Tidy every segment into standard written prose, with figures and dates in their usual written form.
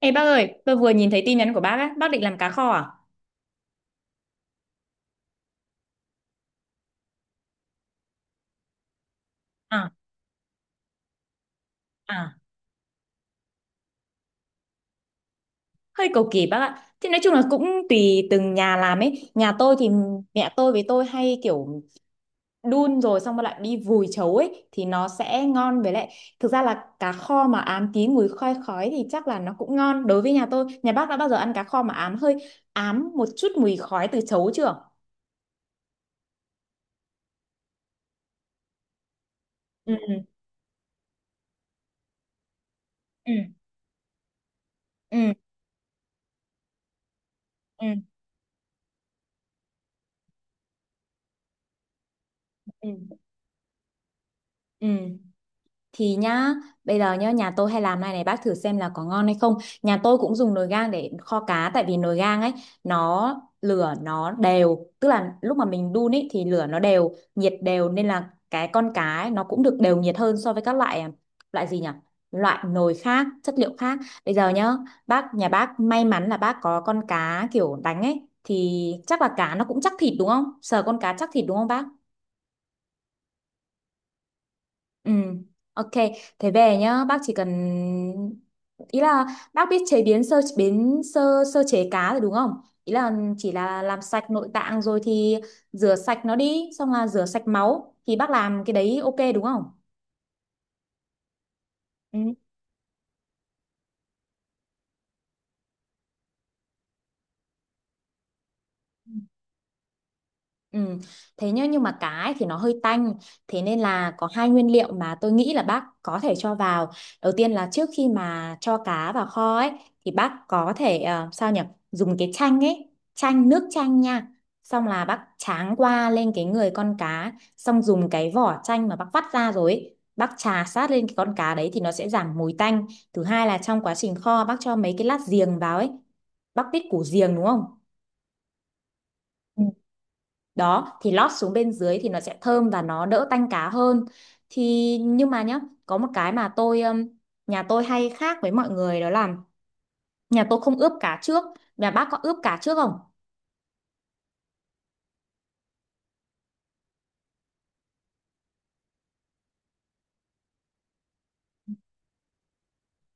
Ê bác ơi, tôi vừa nhìn thấy tin nhắn của bác á, bác định làm cá kho à? À. À. Hơi cầu kỳ bác ạ. Thì nói chung là cũng tùy từng nhà làm ấy. Nhà tôi thì mẹ tôi với tôi hay kiểu đun rồi xong rồi lại đi vùi chấu ấy thì nó sẽ ngon, với lại thực ra là cá kho mà ám tí mùi khoai khói thì chắc là nó cũng ngon đối với nhà tôi. Nhà bác đã bao giờ ăn cá kho mà ám một chút mùi khói từ chấu chưa? Ừ. Ừ. Ừ. Ừ. Ừ. Ừ. Ừ. Thì nhá, bây giờ nhá, nhà tôi hay làm này này, bác thử xem là có ngon hay không. Nhà tôi cũng dùng nồi gang để kho cá, tại vì nồi gang ấy, nó lửa nó đều, tức là lúc mà mình đun ấy thì lửa nó đều nhiệt đều, nên là cái con cá ấy, nó cũng được đều nhiệt hơn so với các loại, loại gì nhỉ, loại nồi khác chất liệu khác. Bây giờ nhá, nhà bác may mắn là bác có con cá kiểu đánh ấy, thì chắc là cá nó cũng chắc thịt đúng không, sờ con cá chắc thịt đúng không bác? Ừ, ok. Thế về nhá, bác chỉ cần, ý là, bác biết chế biến sơ sơ chế cá rồi đúng không? Ý là chỉ là làm sạch nội tạng rồi thì rửa sạch nó đi, xong là rửa sạch máu, thì bác làm cái đấy ok đúng không? Ừ. Ừ. Thế nhá, nhưng mà cá ấy thì nó hơi tanh. Thế nên là có hai nguyên liệu mà tôi nghĩ là bác có thể cho vào. Đầu tiên là trước khi mà cho cá vào kho ấy, thì bác có thể, sao nhỉ, dùng cái chanh ấy. Chanh, nước chanh nha. Xong là bác tráng qua lên cái người con cá. Xong dùng cái vỏ chanh mà bác vắt ra rồi ấy, bác chà sát lên cái con cá đấy thì nó sẽ giảm mùi tanh. Thứ hai là trong quá trình kho, bác cho mấy cái lát giềng vào ấy. Bác biết củ giềng đúng không? Đó thì lót xuống bên dưới thì nó sẽ thơm và nó đỡ tanh cá hơn. Thì nhưng mà nhá, có một cái mà tôi nhà tôi hay khác với mọi người, đó là nhà tôi không ướp cá trước. Nhà bác có ướp cá trước không?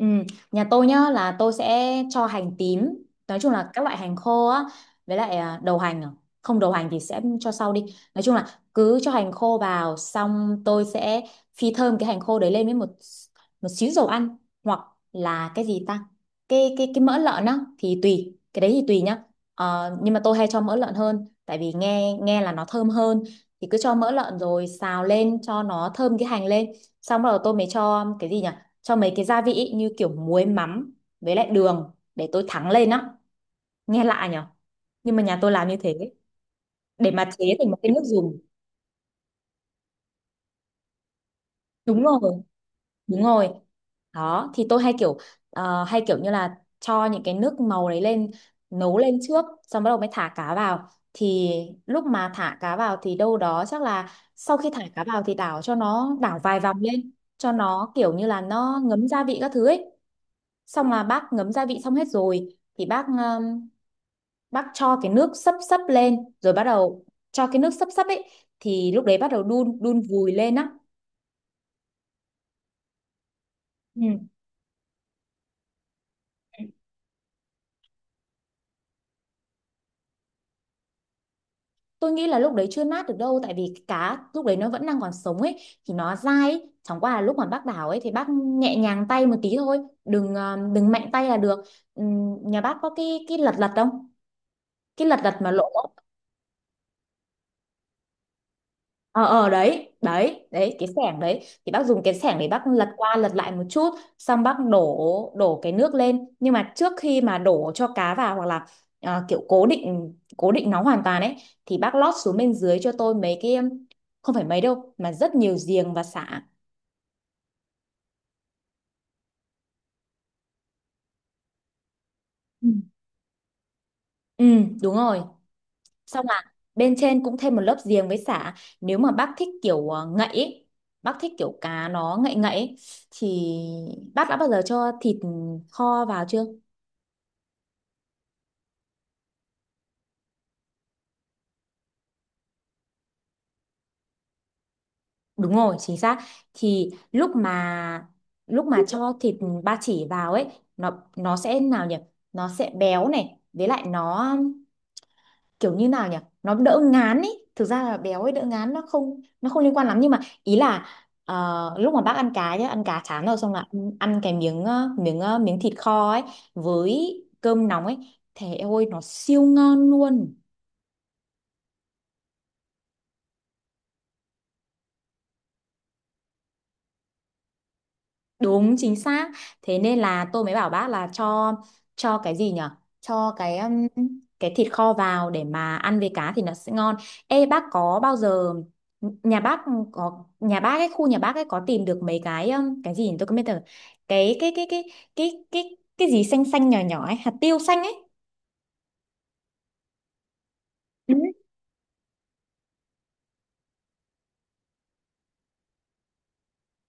Ừ, nhà tôi nhá, là tôi sẽ cho hành tím, nói chung là các loại hành khô á, với lại đầu hành à. Không đầu hành thì sẽ cho sau đi, nói chung là cứ cho hành khô vào, xong tôi sẽ phi thơm cái hành khô đấy lên với một một xíu dầu ăn, hoặc là cái gì ta, cái mỡ lợn á, thì tùy, cái đấy thì tùy nhá. Ờ, nhưng mà tôi hay cho mỡ lợn hơn, tại vì nghe nghe là nó thơm hơn. Thì cứ cho mỡ lợn rồi xào lên cho nó thơm cái hành lên, xong rồi tôi mới cho cái gì nhỉ, cho mấy cái gia vị ý, như kiểu muối mắm, với lại đường để tôi thắng lên á. Nghe lạ nhở, nhưng mà nhà tôi làm như thế, để mà chế thành một cái nước dùng. Đúng rồi. Đúng rồi. Đó thì tôi hay kiểu, hay kiểu như là cho những cái nước màu đấy lên, nấu lên trước, xong bắt đầu mới thả cá vào. Thì lúc mà thả cá vào thì đâu đó, chắc là sau khi thả cá vào thì đảo cho nó, đảo vài vòng lên, cho nó kiểu như là nó ngấm gia vị các thứ ấy. Xong là bác ngấm gia vị xong hết rồi, thì bác cho cái nước sấp sấp lên, rồi bắt đầu, cho cái nước sấp sấp ấy, thì lúc đấy bắt đầu đun, đun vùi lên á. Ừ. Tôi nghĩ là lúc đấy chưa nát được đâu, tại vì cái cá lúc đấy nó vẫn đang còn sống ấy, thì nó dai ấy. Chẳng qua là lúc mà bác đảo ấy, thì bác nhẹ nhàng tay một tí thôi, đừng mạnh tay là được. Nhà bác có cái lật lật không, cái lật lật mà lỗ? Ờ ờ đấy đấy đấy, cái xẻng đấy, thì bác dùng cái xẻng để bác lật qua lật lại một chút, xong bác đổ đổ cái nước lên. Nhưng mà trước khi mà đổ cho cá vào, hoặc là kiểu cố định nó hoàn toàn ấy, thì bác lót xuống bên dưới cho tôi mấy cái, không phải mấy đâu mà rất nhiều giềng và sả. Ừ. Ừ, đúng rồi. Xong là bên trên cũng thêm một lớp giềng với sả. Nếu mà bác thích kiểu, ngậy ấy, bác thích kiểu cá nó ngậy ngậy ấy, thì bác đã bao giờ cho thịt kho vào chưa? Đúng rồi, chính xác. Thì lúc mà cho thịt ba chỉ vào ấy, nó sẽ nào nhỉ? Nó sẽ béo này, với lại nó kiểu như nào nhỉ? Nó đỡ ngán ý. Thực ra là béo ấy đỡ ngán, nó không liên quan lắm, nhưng mà ý là, lúc mà bác ăn cá nhá, ăn cá chán rồi xong là ăn cái miếng thịt kho ấy với cơm nóng ấy, thế ôi nó siêu ngon luôn. Đúng chính xác. Thế nên là tôi mới bảo bác là cho cái gì nhở? Cho cái, cái thịt kho vào để mà ăn với cá thì nó sẽ ngon. Ê bác, có bao giờ nhà bác có nhà bác ấy khu nhà bác ấy có tìm được mấy cái, cái gì nhỉ? Tôi không biết được. Cái cái cái cái cái gì xanh xanh nhỏ nhỏ ấy, hạt tiêu xanh ấy.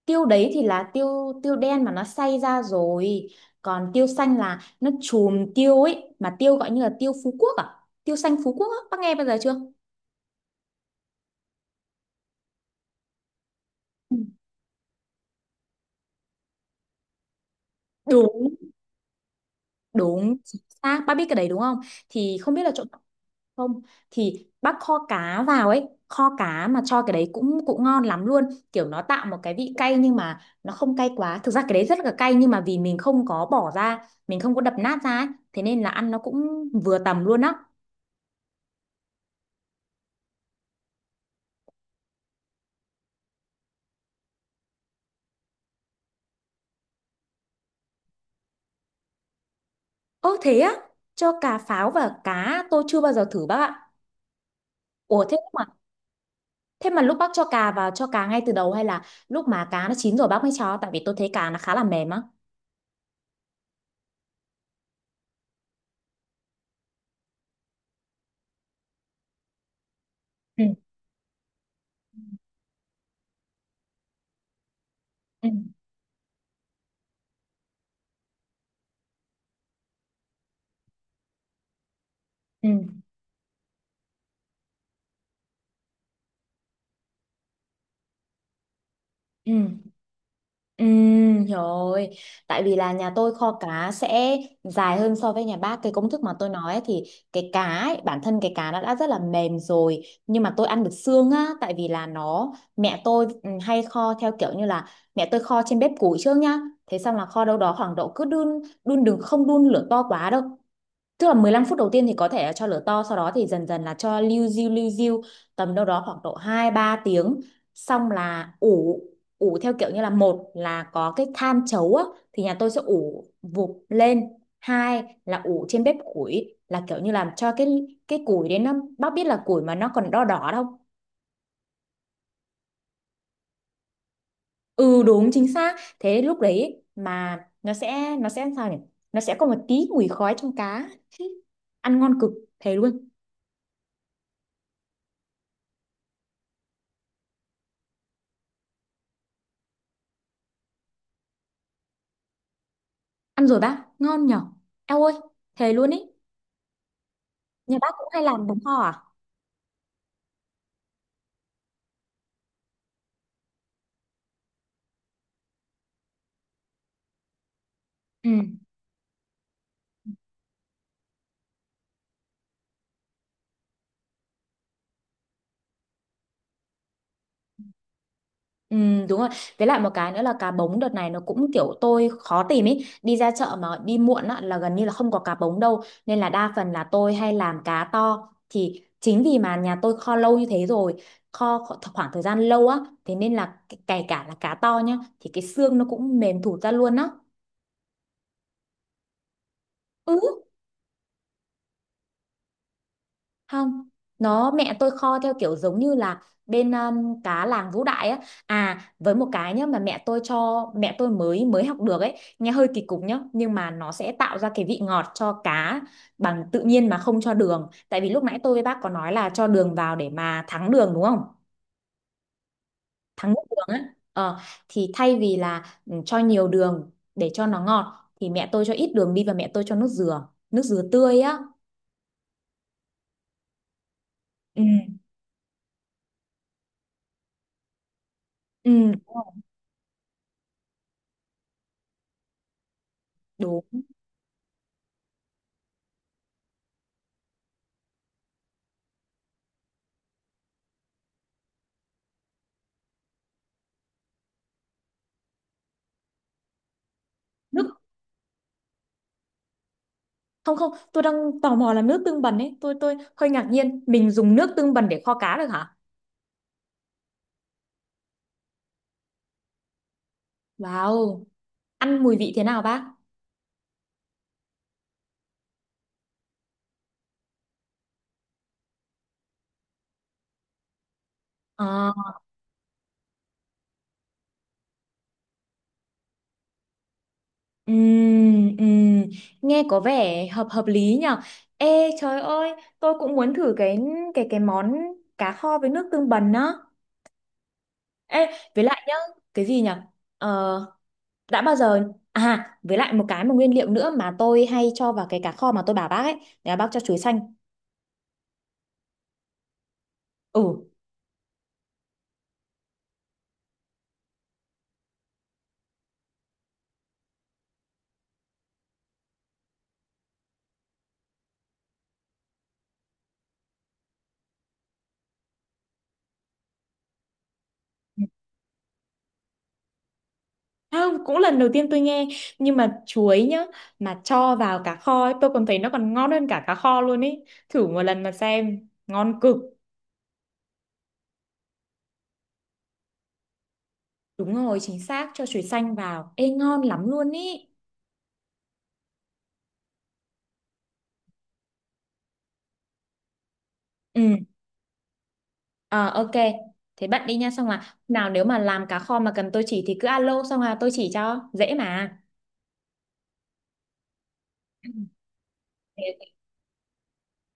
Tiêu đấy thì là tiêu tiêu đen mà nó xay ra rồi, còn tiêu xanh là nó chùm tiêu ấy, mà tiêu gọi như là tiêu Phú Quốc à, tiêu xanh Phú Quốc á, bác nghe bao giờ chưa? Ừ. Đúng đúng chính xác, bác biết cái đấy đúng không? Thì không biết là chỗ. Không thì bác kho cá vào ấy, kho cá mà cho cái đấy cũng cũng ngon lắm luôn. Kiểu nó tạo một cái vị cay, nhưng mà nó không cay quá. Thực ra cái đấy rất là cay, nhưng mà vì mình không có bỏ ra, mình không có đập nát ra ấy, thế nên là ăn nó cũng vừa tầm luôn á. Ơ thế á, cho cà pháo và cá tôi chưa bao giờ thử bác ạ. Ủa thế mà lúc bác cho cà vào cho cá ngay từ đầu, hay là lúc mà cá nó chín rồi bác mới cho? Tại vì tôi thấy cá nó khá là mềm á. Ừ, ừ, ừ. Ừ. Ừ, rồi. Tại vì là nhà tôi kho cá sẽ dài hơn so với nhà bác. Cái công thức mà tôi nói ấy, thì cái cá ấy, bản thân cái cá nó đã rất là mềm rồi. Nhưng mà tôi ăn được xương á. Tại vì là nó, mẹ tôi hay kho theo kiểu như là, mẹ tôi kho trên bếp củi trước nhá. Thế xong là kho đâu đó khoảng độ, cứ đun, đun đừng không đun lửa to quá đâu. Tức là 15 phút đầu tiên thì có thể là cho lửa to, sau đó thì dần dần là cho liu riu liu riu, tầm đâu đó khoảng độ 2 3 tiếng. Xong là ủ ủ theo kiểu như là, một là có cái than chấu á thì nhà tôi sẽ ủ vụp lên. Hai là ủ trên bếp củi, là kiểu như làm cho cái củi đến nó, bác biết là củi mà nó còn đỏ đỏ đâu. Ừ đúng chính xác. Thế lúc đấy mà nó sẽ sao nhỉ? Nó sẽ có một tí mùi khói trong cá. Ăn ngon cực, thề luôn. Ăn rồi bác, ngon nhở. Eo ơi, thề luôn ý. Nhà bác cũng hay làm bánh kho à? Ừ. Ừ, đúng rồi. Với lại một cái nữa là cá bống đợt này nó cũng kiểu tôi khó tìm ý. Đi ra chợ mà đi muộn á, là gần như là không có cá bống đâu. Nên là đa phần là tôi hay làm cá to. Thì chính vì mà nhà tôi kho lâu như thế rồi, kho kho- khoảng thời gian lâu á. Thế nên là kể cả là cá to nhá, thì cái xương nó cũng mềm thụt ra luôn á. Ừ. Không, nó mẹ tôi kho theo kiểu giống như là bên, cá làng Vũ Đại á. À, với một cái nhá, mà mẹ tôi mới mới học được ấy, nghe hơi kỳ cục nhá, nhưng mà nó sẽ tạo ra cái vị ngọt cho cá bằng tự nhiên mà không cho đường, tại vì lúc nãy tôi với bác có nói là cho đường vào để mà thắng đường đúng không, thắng nước đường á. Ờ, thì thay vì là cho nhiều đường để cho nó ngọt, thì mẹ tôi cho ít đường đi, và mẹ tôi cho nước dừa tươi á. Ừ. Ừ, đúng đúng. nước không không, tôi đang tò mò là nước tương bần ấy, tôi hơi ngạc nhiên, mình dùng nước tương bần để kho cá được hả? Wow, ăn mùi vị thế nào bác? Ờ, ừm, ừm, nghe có vẻ hợp hợp lý nhở. Ê trời ơi, tôi cũng muốn thử cái, cái món cá kho với nước tương bần á. Ê, với lại nhá, cái gì nhở, ờ, đã bao giờ à với lại một nguyên liệu nữa mà tôi hay cho vào cái cá kho mà tôi bảo bác ấy, là bác cho chuối xanh. Ừ. Không, cũng lần đầu tiên tôi nghe, nhưng mà chuối nhá, mà cho vào cá kho ấy, tôi còn thấy nó còn ngon hơn cả cá kho luôn ấy, thử một lần mà xem, ngon cực. Đúng rồi, chính xác, cho chuối xanh vào, ê ngon lắm luôn ý. Ừ. Ờ, ok, thế bạn đi nha, xong là nào, nếu mà làm cá kho mà cần tôi chỉ thì cứ alo, xong là tôi chỉ cho dễ mà. Ừ.